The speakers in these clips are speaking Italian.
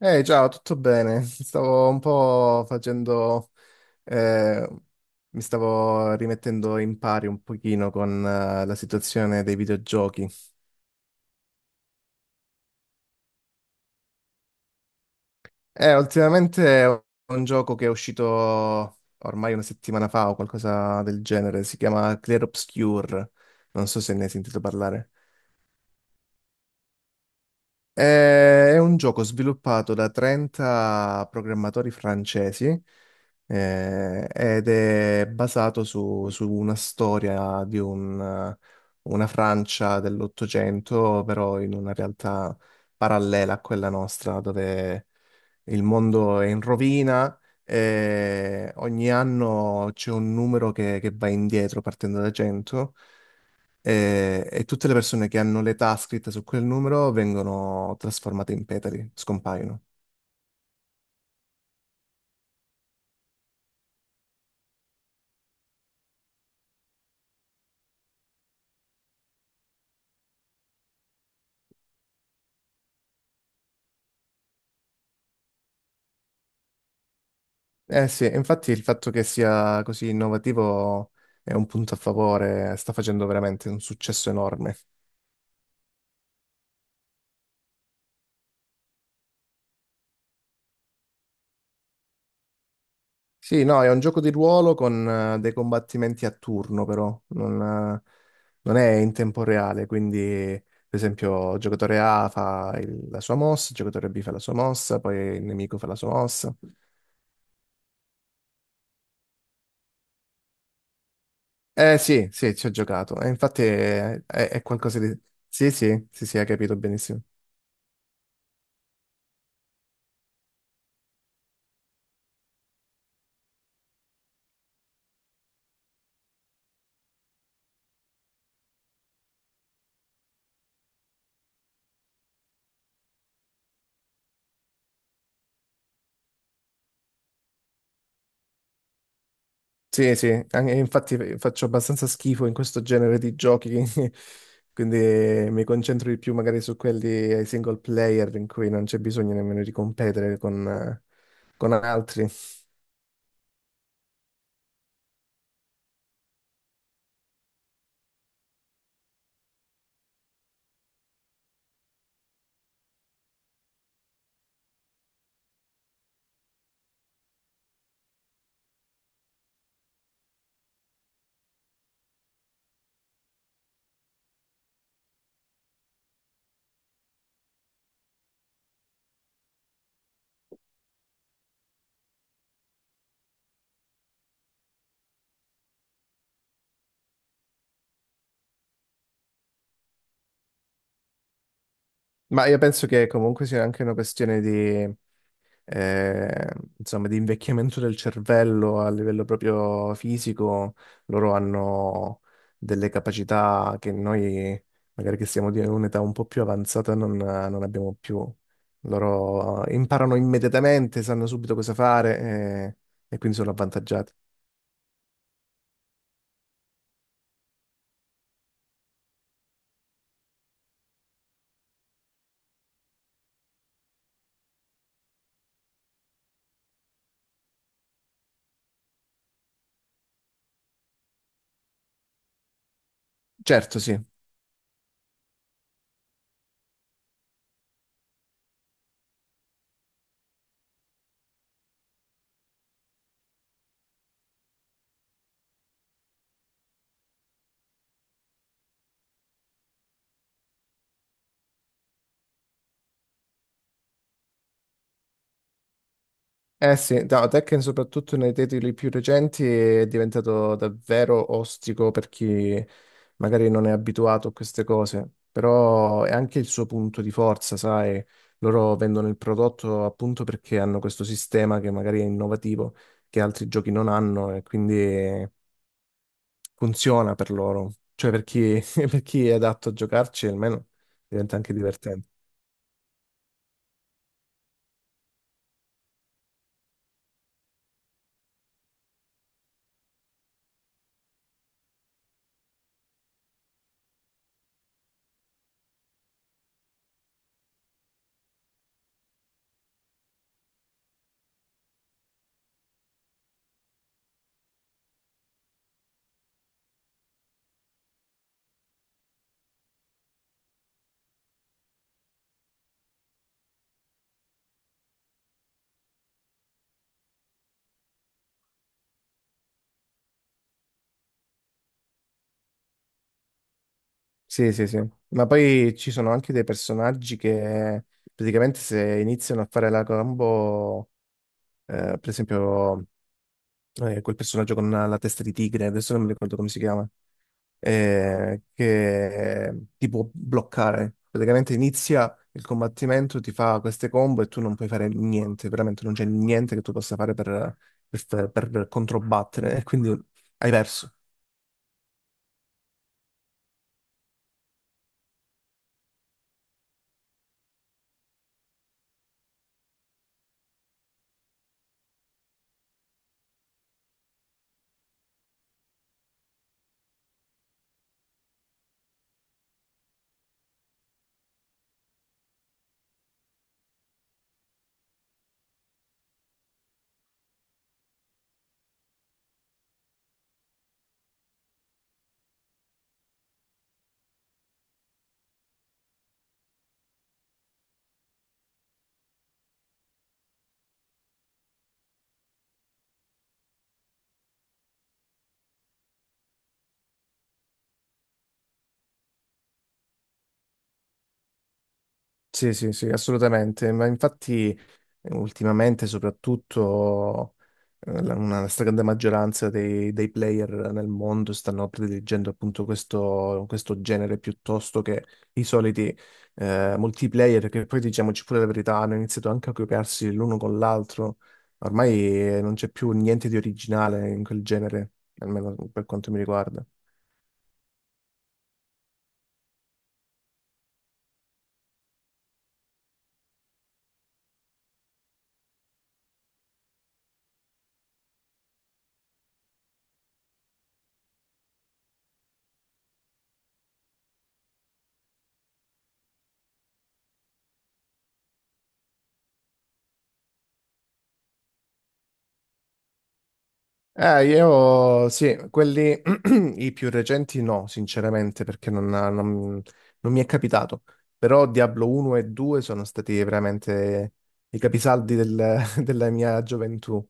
Ehi, ciao, tutto bene? Stavo un po' facendo, eh, mi stavo rimettendo in pari un pochino con, la situazione dei videogiochi. Ultimamente è un gioco che è uscito ormai una settimana fa o qualcosa del genere, si chiama Clear Obscure, non so se ne hai sentito parlare. È un gioco sviluppato da 30 programmatori francesi ed è basato su una storia di una Francia dell'Ottocento, però in una realtà parallela a quella nostra, dove il mondo è in rovina e ogni anno c'è un numero che va indietro partendo da 100 e tutte le persone che hanno l'età scritta su quel numero vengono trasformate in petali, scompaiono. Eh sì, infatti il fatto che sia così innovativo è un punto a favore, sta facendo veramente un successo enorme. Sì, no, è un gioco di ruolo con dei combattimenti a turno, però non è in tempo reale, quindi per esempio il giocatore A fa la sua mossa, il giocatore B fa la sua mossa, poi il nemico fa la sua mossa. Eh sì, sì, ci ho giocato. E infatti è qualcosa di. Sì, sì, sì, sì, hai capito benissimo. Sì, sì, infatti faccio abbastanza schifo in questo genere di giochi, quindi mi concentro di più magari su quelli ai single player in cui non c'è bisogno nemmeno di competere con altri. Ma io penso che comunque sia anche una questione di... eh, insomma, di invecchiamento del cervello a livello proprio fisico, loro hanno delle capacità che noi, magari che siamo di un'età un po' più avanzata, non abbiamo più. Loro imparano immediatamente, sanno subito cosa fare, e quindi sono avvantaggiati. Certo, sì. Eh sì, no, Tekken soprattutto nei titoli più recenti è diventato davvero ostico per chi magari non è abituato a queste cose, però è anche il suo punto di forza, sai, loro vendono il prodotto appunto perché hanno questo sistema che magari è innovativo, che altri giochi non hanno e quindi funziona per loro, cioè per chi, per chi è adatto a giocarci almeno diventa anche divertente. Sì, sì, sì. Ma poi ci sono anche dei personaggi che praticamente se iniziano a fare la combo, per esempio quel personaggio con la testa di tigre, adesso non mi ricordo come si chiama, che ti può bloccare. Praticamente inizia il combattimento, ti fa queste combo e tu non puoi fare niente, veramente non c'è niente che tu possa fare per controbattere, e quindi hai perso. Sì, sì, sì, assolutamente. Ma infatti. Ultimamente, soprattutto, una stragrande maggioranza dei player nel mondo stanno prediligendo appunto questo genere piuttosto che i soliti multiplayer, che poi diciamoci pure la verità, hanno iniziato anche a copiarsi l'uno con l'altro. Ormai non c'è più niente di originale in quel genere, almeno per quanto mi riguarda. Io sì, quelli i più recenti no, sinceramente, perché non mi è capitato. Però Diablo 1 e 2 sono stati veramente i capisaldi della mia gioventù.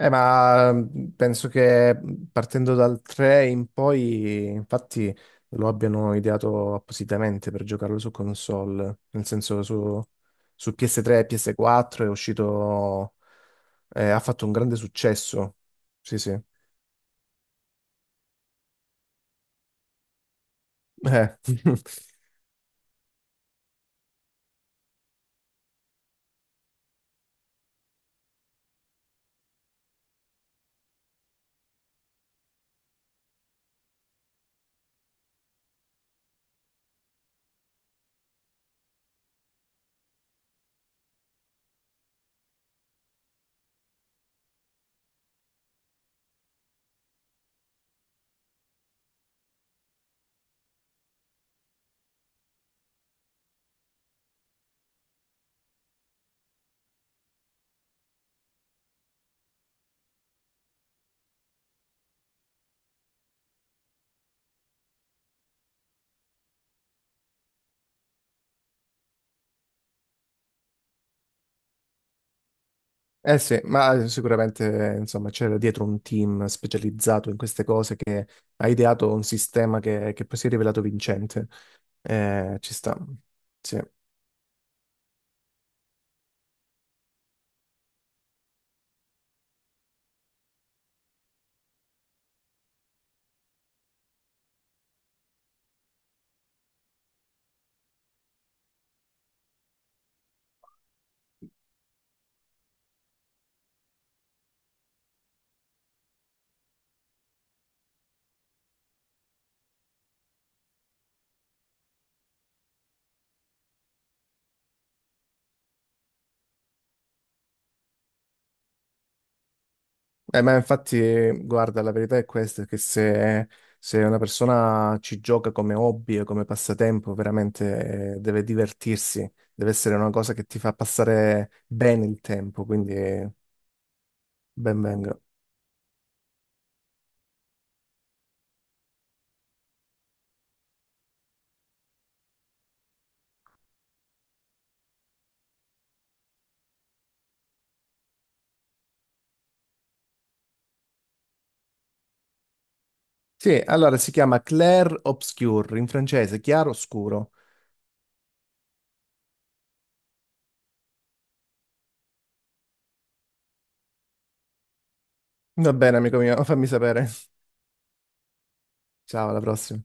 Ma penso che partendo dal 3 in poi, infatti, lo abbiano ideato appositamente per giocarlo su console, nel senso su PS3 e PS4 è uscito, ha fatto un grande successo. Sì, sì. Eh, eh sì, ma sicuramente insomma c'era dietro un team specializzato in queste cose che ha ideato un sistema che poi si è rivelato vincente. Ci sta, sì. Ma infatti, guarda, la verità è questa, che se una persona ci gioca come hobby e come passatempo, veramente deve divertirsi, deve essere una cosa che ti fa passare bene il tempo, quindi ben venga. Sì, allora si chiama Clair Obscur, in francese, chiaro scuro. Va bene, amico mio, fammi sapere. Ciao, alla prossima.